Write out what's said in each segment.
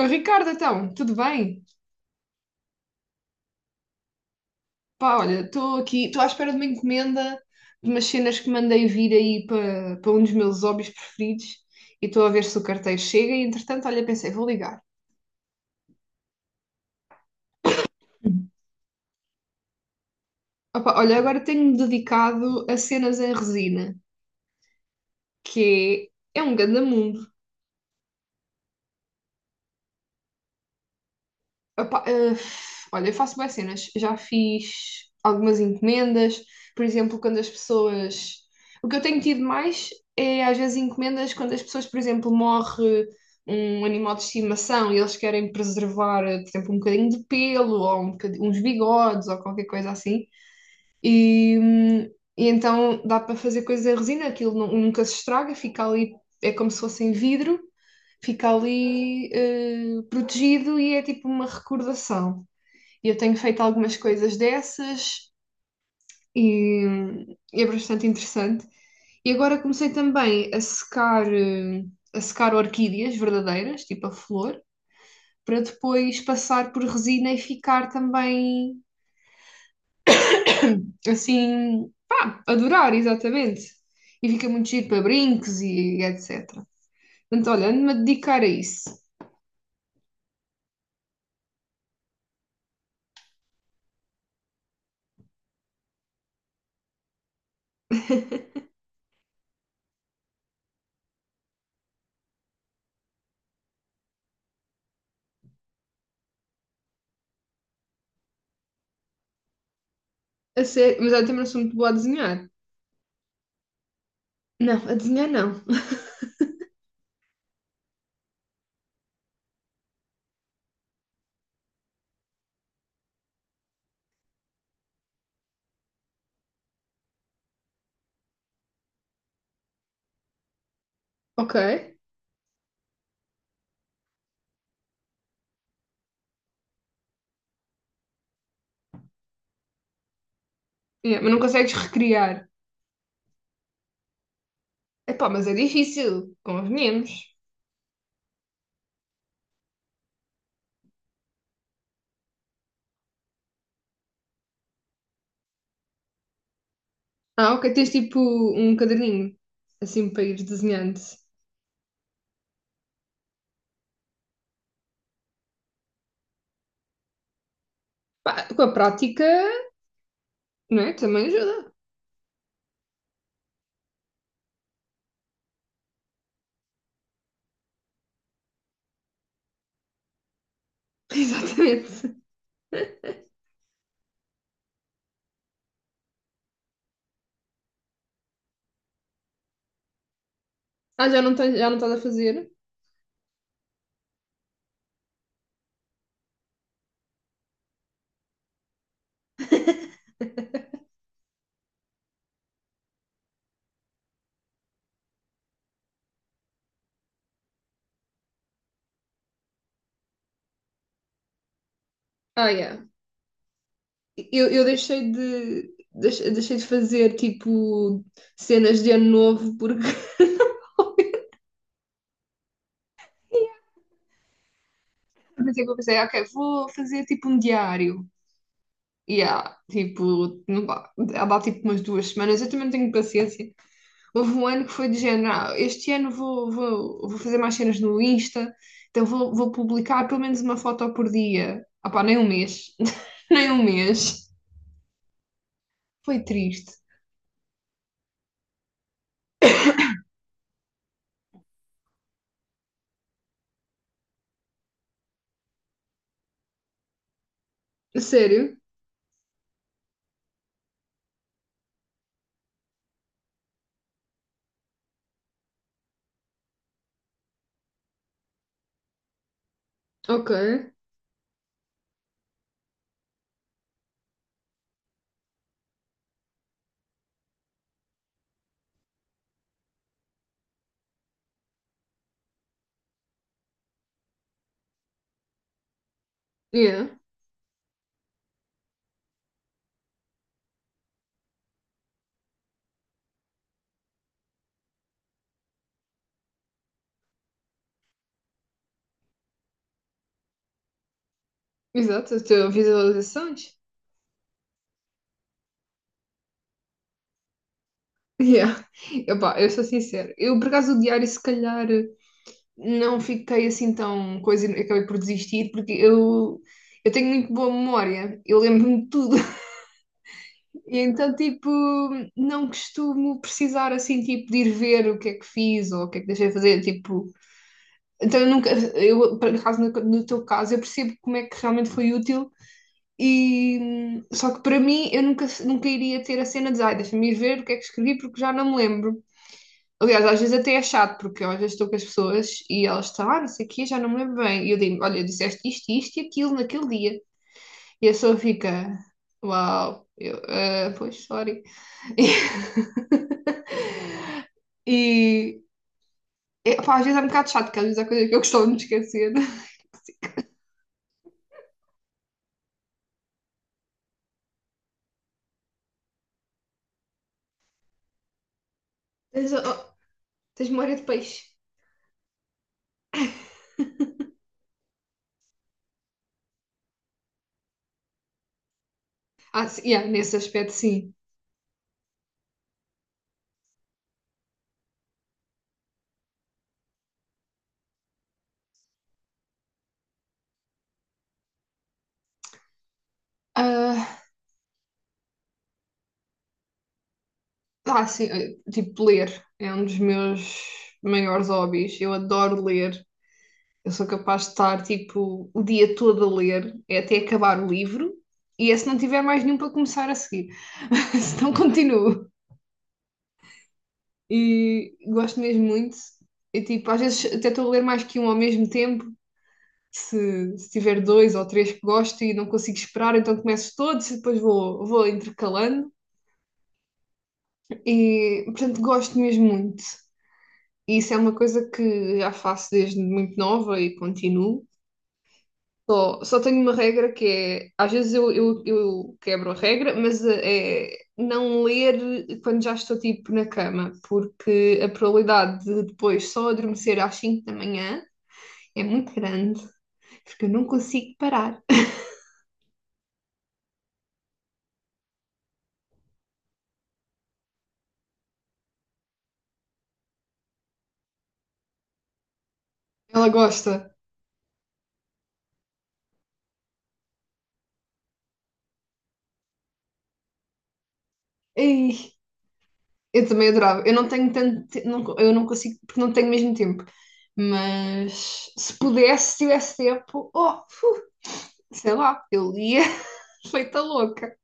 Oh, Ricardo, então, tudo bem? Pá, olha, estou aqui, estou à espera de uma encomenda de umas cenas que mandei vir aí para um dos meus hobbies preferidos e estou a ver se o carteiro chega e, entretanto, olha, pensei, vou ligar. Uhum. Opa, olha, agora tenho-me dedicado a cenas em resina, que é um ganda mundo. Epá, olha, eu faço boas cenas. Já fiz algumas encomendas, por exemplo, quando as pessoas. O que eu tenho tido mais é às vezes encomendas quando as pessoas, por exemplo, morre um animal de estimação e eles querem preservar, por exemplo, um bocadinho de pelo ou uns bigodes ou qualquer coisa assim. E, hum, e então dá para fazer coisas em resina, nunca se estraga, fica ali, é como se fosse em vidro, fica ali protegido e é tipo uma recordação. E eu tenho feito algumas coisas dessas e e é bastante interessante. E agora comecei também a secar, a secar orquídeas verdadeiras, tipo a flor, para depois passar por resina e ficar também assim, pá, adorar, exatamente. E fica muito giro para brincos e etc. Portanto, olha, ando-me a dedicar a isso. A sério, mas eu também não sou muito boa a desenhar. Não, a desenhar não. Ok. Yeah, mas não consegues recriar. Epá, mas é difícil, convenhamos. Ah, ok, tens tipo um caderninho, assim, para ir desenhando. Pá, com a prática, não é? Também ajuda. Exatamente. Ah, já não estás a fazer? Ah, yeah. Eu deixei de fazer, tipo, cenas de ano novo, porque pensei que eu pensei, ah, ok, vou fazer, tipo, um diário. E yeah, tipo, não dá, dá tipo umas 2 semanas, eu também não tenho paciência. Houve um ano que foi de género, ah, este ano vou fazer mais cenas no Insta, então vou publicar pelo menos uma foto por dia. Ah pá, nem um mês. Nem um mês. Foi triste. A sério? Ok. Yeah. Exato, as tuas visualizações. Yeah. Epá, eu sou sincera. Eu, por acaso, o diário, se calhar, não fiquei assim tão coisa e acabei por desistir, porque eu tenho muito boa memória. Eu lembro-me de tudo. E então, tipo, não costumo precisar assim, tipo, de ir ver o que é que fiz ou o que é que deixei de fazer, tipo, então eu nunca, eu, por acaso, no, teu caso, eu percebo como é que realmente foi útil e só que para mim eu nunca iria ter a cena de, ai, deixa-me ir ver o que é que escrevi porque já não me lembro. Aliás, às vezes até é chato, porque eu às vezes estou com as pessoas e elas estão, ah, não sei o quê, já não me lembro bem. E eu digo, olha, disseste isto, isto e aquilo naquele dia. E a pessoa fica, uau, eu, "Ah, pois, sorry. E é, pá, às vezes é um bocado chato, porque às vezes há coisas que eu costumo me esquecer. Tens, oh, tens memória de peixe. Ah, sim, yeah, nesse aspecto, sim. Ah, ah, sim, tipo, ler é um dos meus maiores hobbies. Eu adoro ler. Eu sou capaz de estar, tipo, o dia todo a ler, é até acabar o livro. E é se não tiver mais nenhum para começar a seguir. Se não, continuo. E gosto mesmo muito. E tipo, às vezes até estou a ler mais que um ao mesmo tempo. Se tiver dois ou três que gosto e não consigo esperar, então começo todos e depois vou intercalando. E, portanto, gosto mesmo muito. E isso é uma coisa que já faço desde muito nova e continuo. Só tenho uma regra que é, às vezes eu quebro a regra, mas é não ler quando já estou tipo na cama, porque a probabilidade de depois só adormecer às 5 da manhã é muito grande, porque eu não consigo parar. Ela gosta. Ei, eu também adorava. Eu não tenho tanto, eu não consigo, porque não tenho mesmo tempo. Mas se pudesse, se tivesse tempo, oh, fu, sei lá, eu lia feita louca.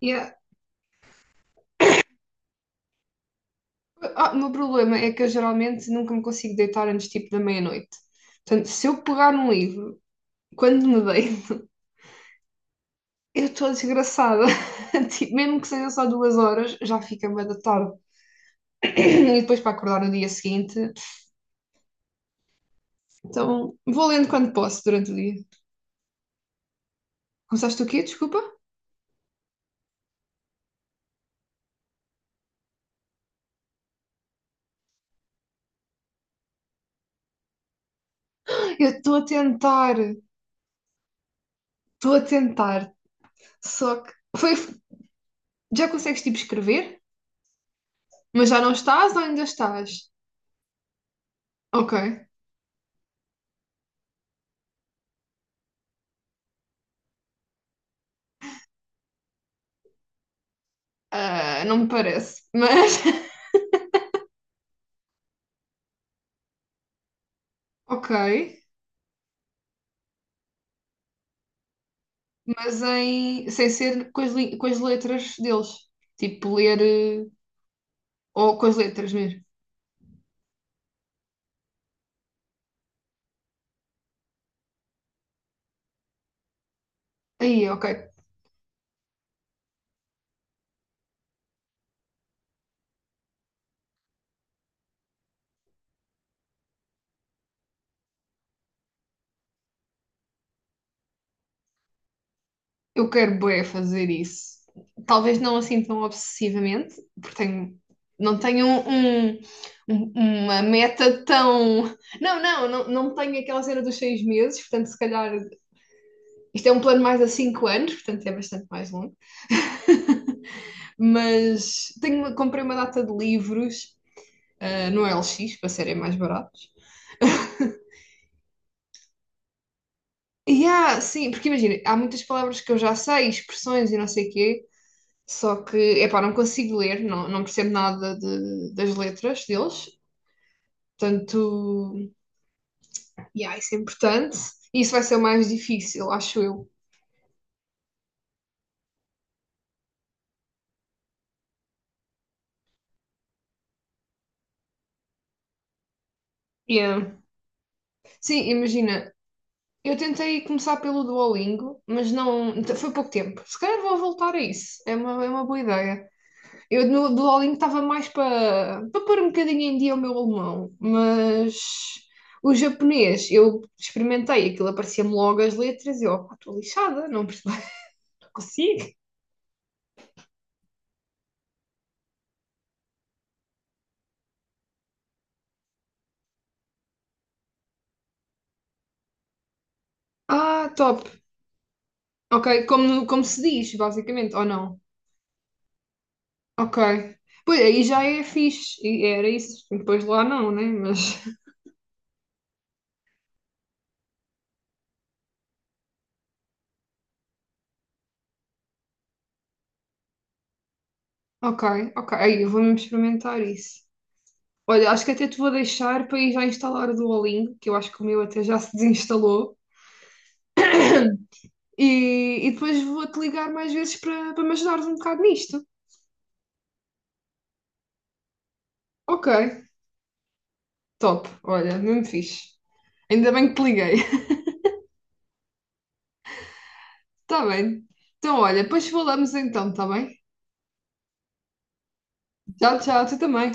Yeah. Ah, o meu problema é que eu geralmente nunca me consigo deitar antes tipo da meia-noite. Portanto, se eu pegar num livro, quando me deito, eu estou desgraçada. Tipo, mesmo que seja só 2 horas, já fica bué da tarde. E depois para acordar no dia seguinte. Então vou lendo quando posso durante o dia. Começaste o quê? Desculpa? Eu, estou a tentar, estou a tentar. Só que foi, já consegues tipo escrever? Mas já não estás ou ainda estás? Ok. Ah, não me parece, mas ok, mas em sem ser com as, com as letras deles, tipo ler ou com as letras mesmo. Aí, ok, eu quero bué fazer isso. Talvez não assim tão obsessivamente, porque tenho, não tenho uma meta tão. Não, não, não, não tenho aquela cena dos 6 meses, portanto, se calhar. Isto é um plano mais a 5 anos, portanto, é bastante mais longo. Mas tenho, comprei uma data de livros, ah, no LX, para serem mais baratos. E há, sim, porque imagina, há muitas palavras que eu já sei, expressões e não sei o quê, só que, epá, não consigo ler, não, não percebo nada das letras deles, portanto, yeah, isso é importante. Isso vai ser o mais difícil, acho eu. Yeah. Sim, imagina, eu tentei começar pelo Duolingo, mas não, foi pouco tempo. Se calhar vou voltar a isso, é uma boa ideia. Eu no Duolingo estava mais para pôr um bocadinho em dia o meu alemão, mas o japonês, eu experimentei aquilo, aparecia-me logo as letras e eu, "Opá, estou lixada, não percebo, não consigo. Ah, top. Ok, como se diz, basicamente, ou não? Ok. Pois aí já é fixe, e era isso. Depois lá não, né? Mas. Ok, ok. Aí eu vou mesmo experimentar isso. Olha, acho que até te vou deixar para ir já instalar o Duolingo, que eu acho que o meu até já se desinstalou. E depois vou-te ligar mais vezes para me ajudares um bocado nisto. Ok, top. Olha, mesmo fixe. Ainda bem que te liguei. Está bem. Então, olha, depois falamos então, está bem? Tchau, tchau, tu também.